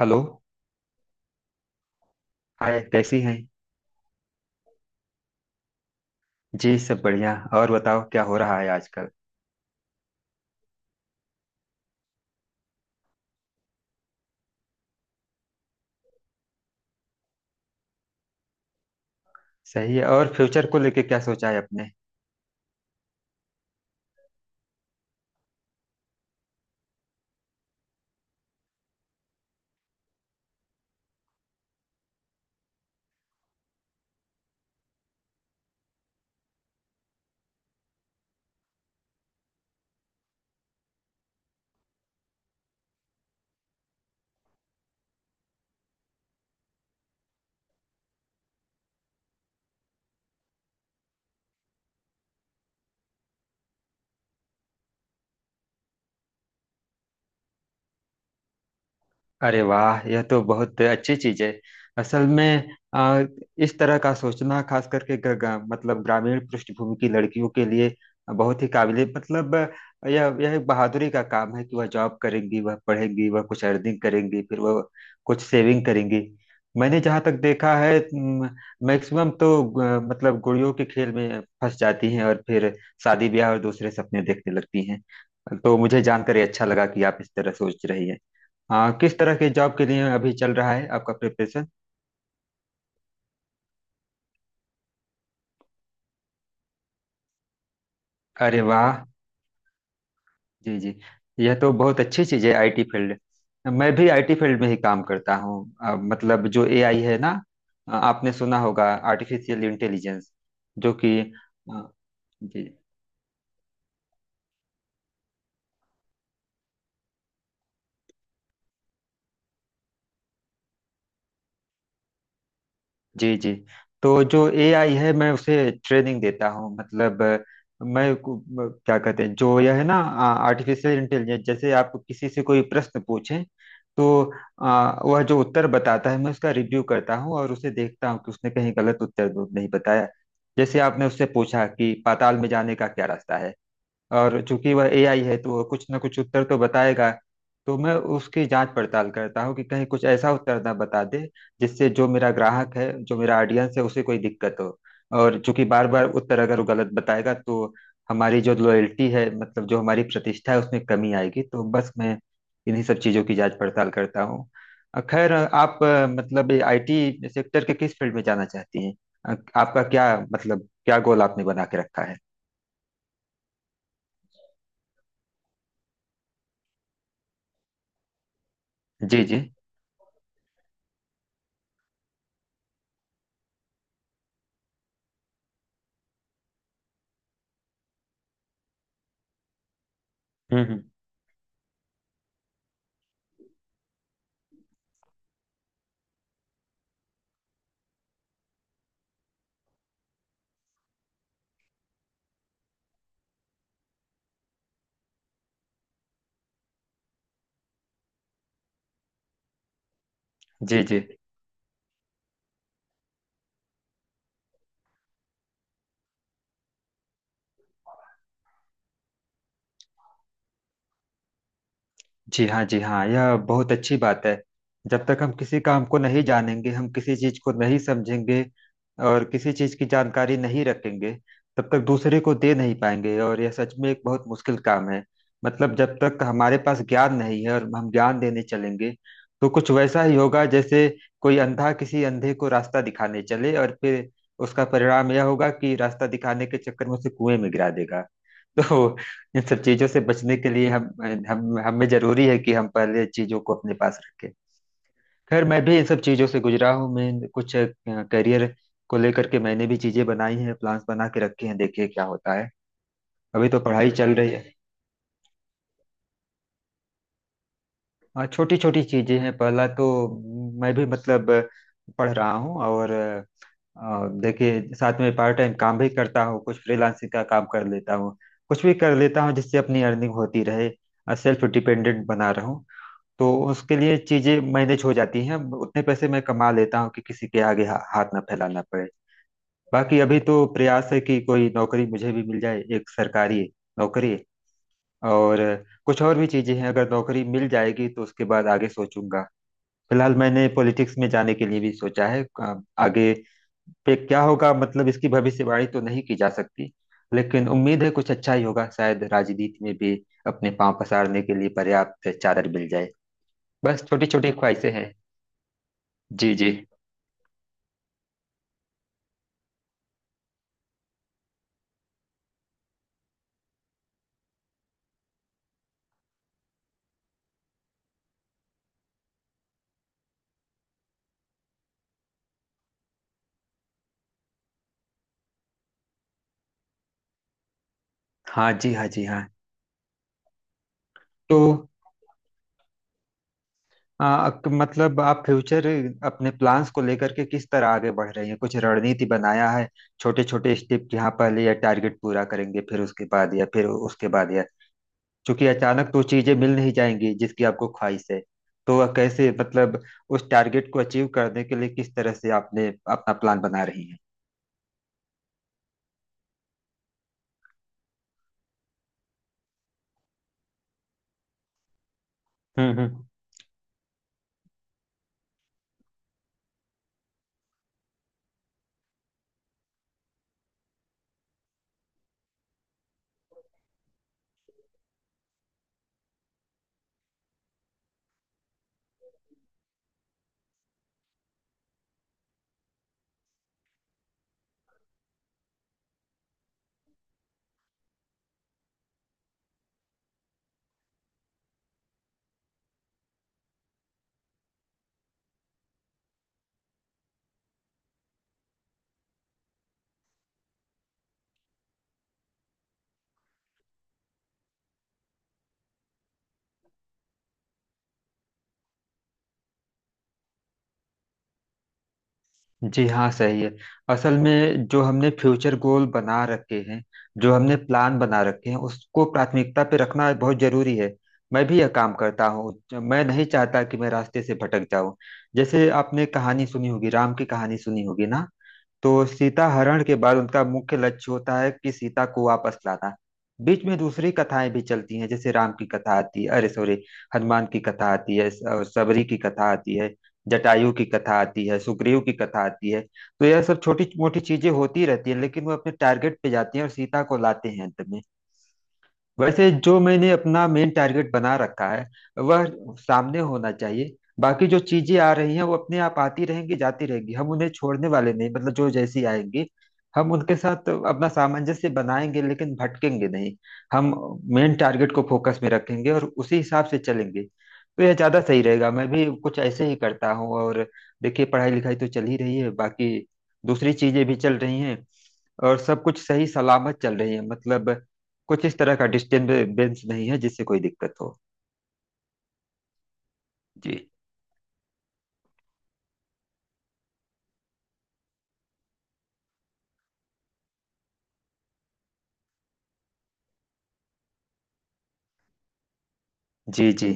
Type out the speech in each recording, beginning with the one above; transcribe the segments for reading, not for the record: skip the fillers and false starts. Hello. Hi, कैसी हैं। जी सब बढ़िया। और बताओ क्या हो रहा है आजकल। सही है। और फ्यूचर को लेके क्या सोचा है अपने। अरे वाह, यह तो बहुत अच्छी चीज है। असल में आ, इस तरह का सोचना, खास करके ग, ग, मतलब ग्रामीण पृष्ठभूमि की लड़कियों के लिए बहुत ही काबिले, मतलब यह एक बहादुरी का काम है कि वह जॉब करेंगी, वह पढ़ेंगी, वह कुछ अर्निंग करेंगी, फिर वह कुछ सेविंग करेंगी। मैंने जहाँ तक देखा है, मैक्सिमम तो मतलब गुड़ियों के खेल में फंस जाती हैं और फिर शादी ब्याह और दूसरे सपने देखने लगती हैं। तो मुझे जानकर ये अच्छा लगा कि आप इस तरह सोच रही हैं। हाँ, किस तरह के जॉब के लिए अभी चल रहा है आपका प्रिपरेशन। अरे वाह। जी जी। यह तो बहुत अच्छी चीज़ है आईटी फील्ड। मैं भी आईटी फील्ड में ही काम करता हूँ। मतलब जो एआई है ना, आपने सुना होगा, आर्टिफिशियल इंटेलिजेंस जो कि अ, जी जी जी। तो जो एआई है, मैं उसे ट्रेनिंग देता हूँ। मतलब मैं क्या कहते हैं जो यह है ना आर्टिफिशियल इंटेलिजेंस। जैसे आप किसी से कोई प्रश्न पूछें तो वह जो उत्तर बताता है मैं उसका रिव्यू करता हूँ और उसे देखता हूँ कि उसने कहीं गलत उत्तर तो नहीं बताया। जैसे आपने उससे पूछा कि पाताल में जाने का क्या रास्ता है, और चूंकि वह एआई है तो वह कुछ ना कुछ उत्तर तो बताएगा। तो मैं उसकी जांच पड़ताल करता हूँ कि कहीं कुछ ऐसा उत्तर ना बता दे जिससे जो मेरा ग्राहक है, जो मेरा ऑडियंस है, उसे कोई दिक्कत हो। और चूंकि बार बार उत्तर अगर वो गलत बताएगा तो हमारी जो लॉयल्टी है, मतलब जो हमारी प्रतिष्ठा है, उसमें कमी आएगी। तो बस मैं इन्हीं सब चीजों की जांच पड़ताल करता हूँ। खैर आप मतलब आईटी सेक्टर के किस फील्ड में जाना चाहती हैं। आपका क्या, मतलब क्या गोल आपने बना के रखा है। जी जी। हम्म। जी जी। जी हाँ, जी हाँ, यह बहुत अच्छी बात है। जब तक हम किसी काम को नहीं जानेंगे, हम किसी चीज को नहीं समझेंगे और किसी चीज की जानकारी नहीं रखेंगे, तब तक दूसरे को दे नहीं पाएंगे। और यह सच में एक बहुत मुश्किल काम है। मतलब जब तक हमारे पास ज्ञान नहीं है और हम ज्ञान देने चलेंगे, तो कुछ वैसा ही होगा जैसे कोई अंधा किसी अंधे को रास्ता दिखाने चले और फिर उसका परिणाम यह होगा कि रास्ता दिखाने के चक्कर में उसे कुएं में गिरा देगा। तो इन सब चीजों से बचने के लिए हम हमें जरूरी है कि हम पहले चीजों को अपने पास रखें। खैर मैं भी इन सब चीजों से गुजरा हूँ। मैं कुछ करियर को लेकर के मैंने भी चीजें बनाई हैं, प्लान्स बना के रखे हैं, देखिए क्या होता है। अभी तो पढ़ाई चल रही है। हाँ, छोटी छोटी चीजें हैं। पहला तो मैं भी, मतलब पढ़ रहा हूँ, और देखिए साथ में पार्ट टाइम काम भी करता हूँ, कुछ फ्रीलांसिंग का काम कर लेता हूँ, कुछ भी कर लेता हूँ जिससे अपनी अर्निंग होती रहे, सेल्फ डिपेंडेंट बना रहूं। तो उसके लिए चीजें मैनेज हो जाती हैं। उतने पैसे मैं कमा लेता हूँ कि किसी के आगे हाथ ना फैलाना पड़े। बाकी अभी तो प्रयास है कि कोई नौकरी मुझे भी मिल जाए, एक सरकारी नौकरी। और कुछ और भी चीजें हैं, अगर नौकरी मिल जाएगी तो उसके बाद आगे सोचूंगा। फिलहाल मैंने पॉलिटिक्स में जाने के लिए भी सोचा है। आगे पे क्या होगा, मतलब इसकी भविष्यवाणी तो नहीं की जा सकती, लेकिन उम्मीद है कुछ अच्छा ही होगा। शायद राजनीति में भी अपने पांव पसारने के लिए पर्याप्त चादर मिल जाए। बस छोटी छोटी ख्वाहिशें हैं। जी जी। हाँ जी हाँ जी हाँ। तो मतलब आप फ्यूचर, अपने प्लान्स को लेकर के किस तरह आगे बढ़ रहे हैं, कुछ रणनीति बनाया है। छोटे छोटे स्टेप कि हाँ पहले यह टारगेट पूरा करेंगे फिर उसके बाद या फिर उसके बाद। या क्योंकि अचानक तो चीजें मिल नहीं जाएंगी जिसकी आपको ख्वाहिश है। तो वह कैसे, मतलब उस टारगेट को अचीव करने के लिए किस तरह से आपने अपना प्लान बना रही है। हम्म। जी हाँ सही है। असल में जो हमने फ्यूचर गोल बना रखे हैं, जो हमने प्लान बना रखे हैं, उसको प्राथमिकता पे रखना बहुत जरूरी है। मैं भी यह काम करता हूँ। मैं नहीं चाहता कि मैं रास्ते से भटक जाऊं। जैसे आपने कहानी सुनी होगी, राम की कहानी सुनी होगी ना, तो सीता हरण के बाद उनका मुख्य लक्ष्य होता है कि सीता को वापस लाना। बीच में दूसरी कथाएं भी चलती हैं, जैसे राम की कथा आती है, अरे सॉरी, हनुमान की कथा आती है, और सबरी की कथा आती है, जटायु की कथा आती है, सुग्रीव की कथा आती है। तो यह सब छोटी मोटी चीजें होती रहती है, लेकिन वो अपने टारगेट पे जाती हैं और सीता को लाते हैं अंत में। वैसे जो मैंने अपना मेन टारगेट बना रखा है, वह सामने होना चाहिए। बाकी जो चीजें आ रही हैं वो अपने आप आती रहेंगी, जाती रहेंगी। हम उन्हें छोड़ने वाले नहीं, मतलब जो जैसी आएंगी हम उनके साथ अपना सामंजस्य बनाएंगे, लेकिन भटकेंगे नहीं। हम मेन टारगेट को फोकस में रखेंगे और उसी हिसाब से चलेंगे। तो यह ज्यादा सही रहेगा, मैं भी कुछ ऐसे ही करता हूँ। और देखिए पढ़ाई लिखाई तो चल ही रही है, बाकी दूसरी चीजें भी चल रही हैं, और सब कुछ सही सलामत चल रही है। मतलब कुछ इस तरह का डिस्टरबेंस नहीं है जिससे कोई दिक्कत हो। जी। जी जी।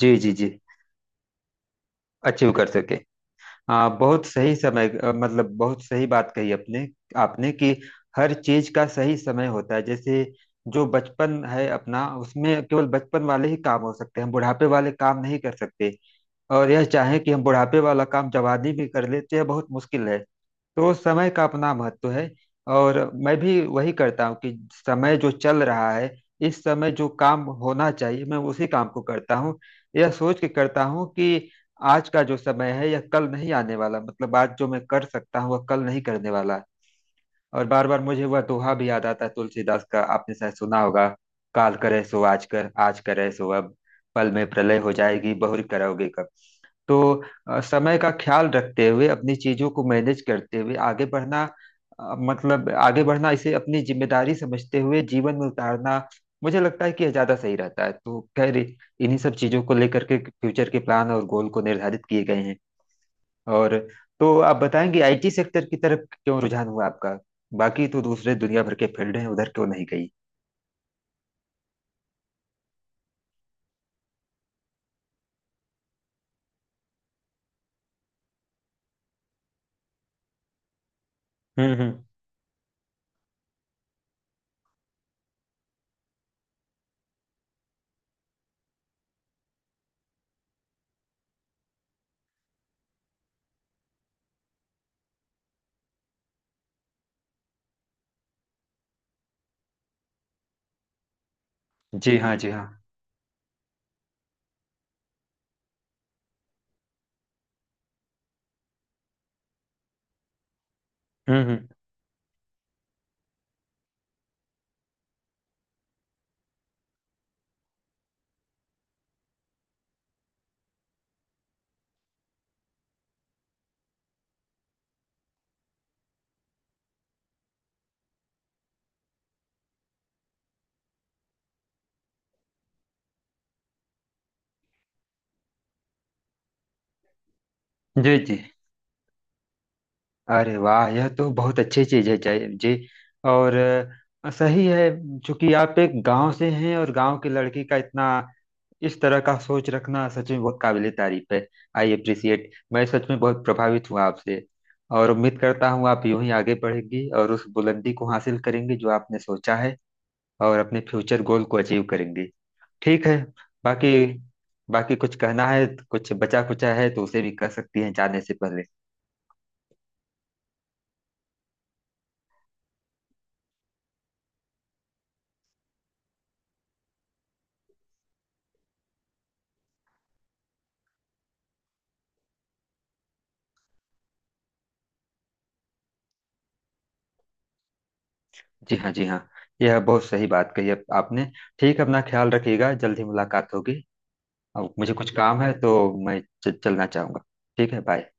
जी जी जी। अचीव कर सके। हाँ बहुत सही समय, मतलब बहुत सही बात कही अपने, आपने कि हर चीज का सही समय होता है। जैसे जो बचपन है अपना, उसमें केवल बचपन वाले ही काम हो सकते हैं, हम बुढ़ापे वाले काम नहीं कर सकते। और यह चाहें कि हम बुढ़ापे वाला काम जवानी में कर लेते हैं, बहुत मुश्किल है। तो समय का अपना महत्व है। और मैं भी वही करता हूँ कि समय जो चल रहा है, इस समय जो काम होना चाहिए मैं उसी काम को करता हूँ। यह सोच के करता हूँ कि आज का जो समय है यह कल नहीं आने वाला, मतलब आज जो मैं कर सकता हूँ वह कल नहीं करने वाला। और बार बार मुझे वह दोहा भी याद आता है तुलसीदास का, आपने शायद सुना होगा, काल करे सो आज कर, आज करे सो अब, पल में प्रलय हो जाएगी, बहुरी करोगे कब। तो समय का ख्याल रखते हुए, अपनी चीजों को मैनेज करते हुए आगे बढ़ना, मतलब आगे बढ़ना, इसे अपनी जिम्मेदारी समझते हुए जीवन में उतारना, मुझे लगता है कि यह ज्यादा सही रहता है। तो खैर इन्हीं सब चीजों को लेकर के फ्यूचर के प्लान और गोल को निर्धारित किए गए हैं। और तो आप बताएंगे आईटी सेक्टर की तरफ क्यों रुझान हुआ आपका। बाकी तो दूसरे दुनिया भर के फील्ड हैं, उधर क्यों नहीं गई। हम्म। जी हाँ जी हाँ। हम्म। जी जी। अरे वाह, यह तो बहुत अच्छी चीज है। जय जी। और सही है, क्योंकि आप एक गांव से हैं, और गांव की लड़की का इतना, इस तरह का सोच रखना सच में बहुत काबिले तारीफ है। आई अप्रिसिएट, मैं सच में बहुत प्रभावित हूँ आपसे। और उम्मीद करता हूँ आप यूं ही आगे बढ़ेंगी और उस बुलंदी को हासिल करेंगे जो आपने सोचा है, और अपने फ्यूचर गोल को अचीव करेंगे। ठीक है। बाकी, बाकी कुछ कहना है, कुछ बचा कुचा है तो उसे भी कह सकती हैं जाने से पहले। जी हाँ जी हाँ, यह बहुत सही बात कही अब आपने। ठीक है, अपना ख्याल रखिएगा, जल्दी मुलाकात होगी। अब मुझे कुछ काम है तो मैं चलना चाहूंगा। ठीक है, बाय।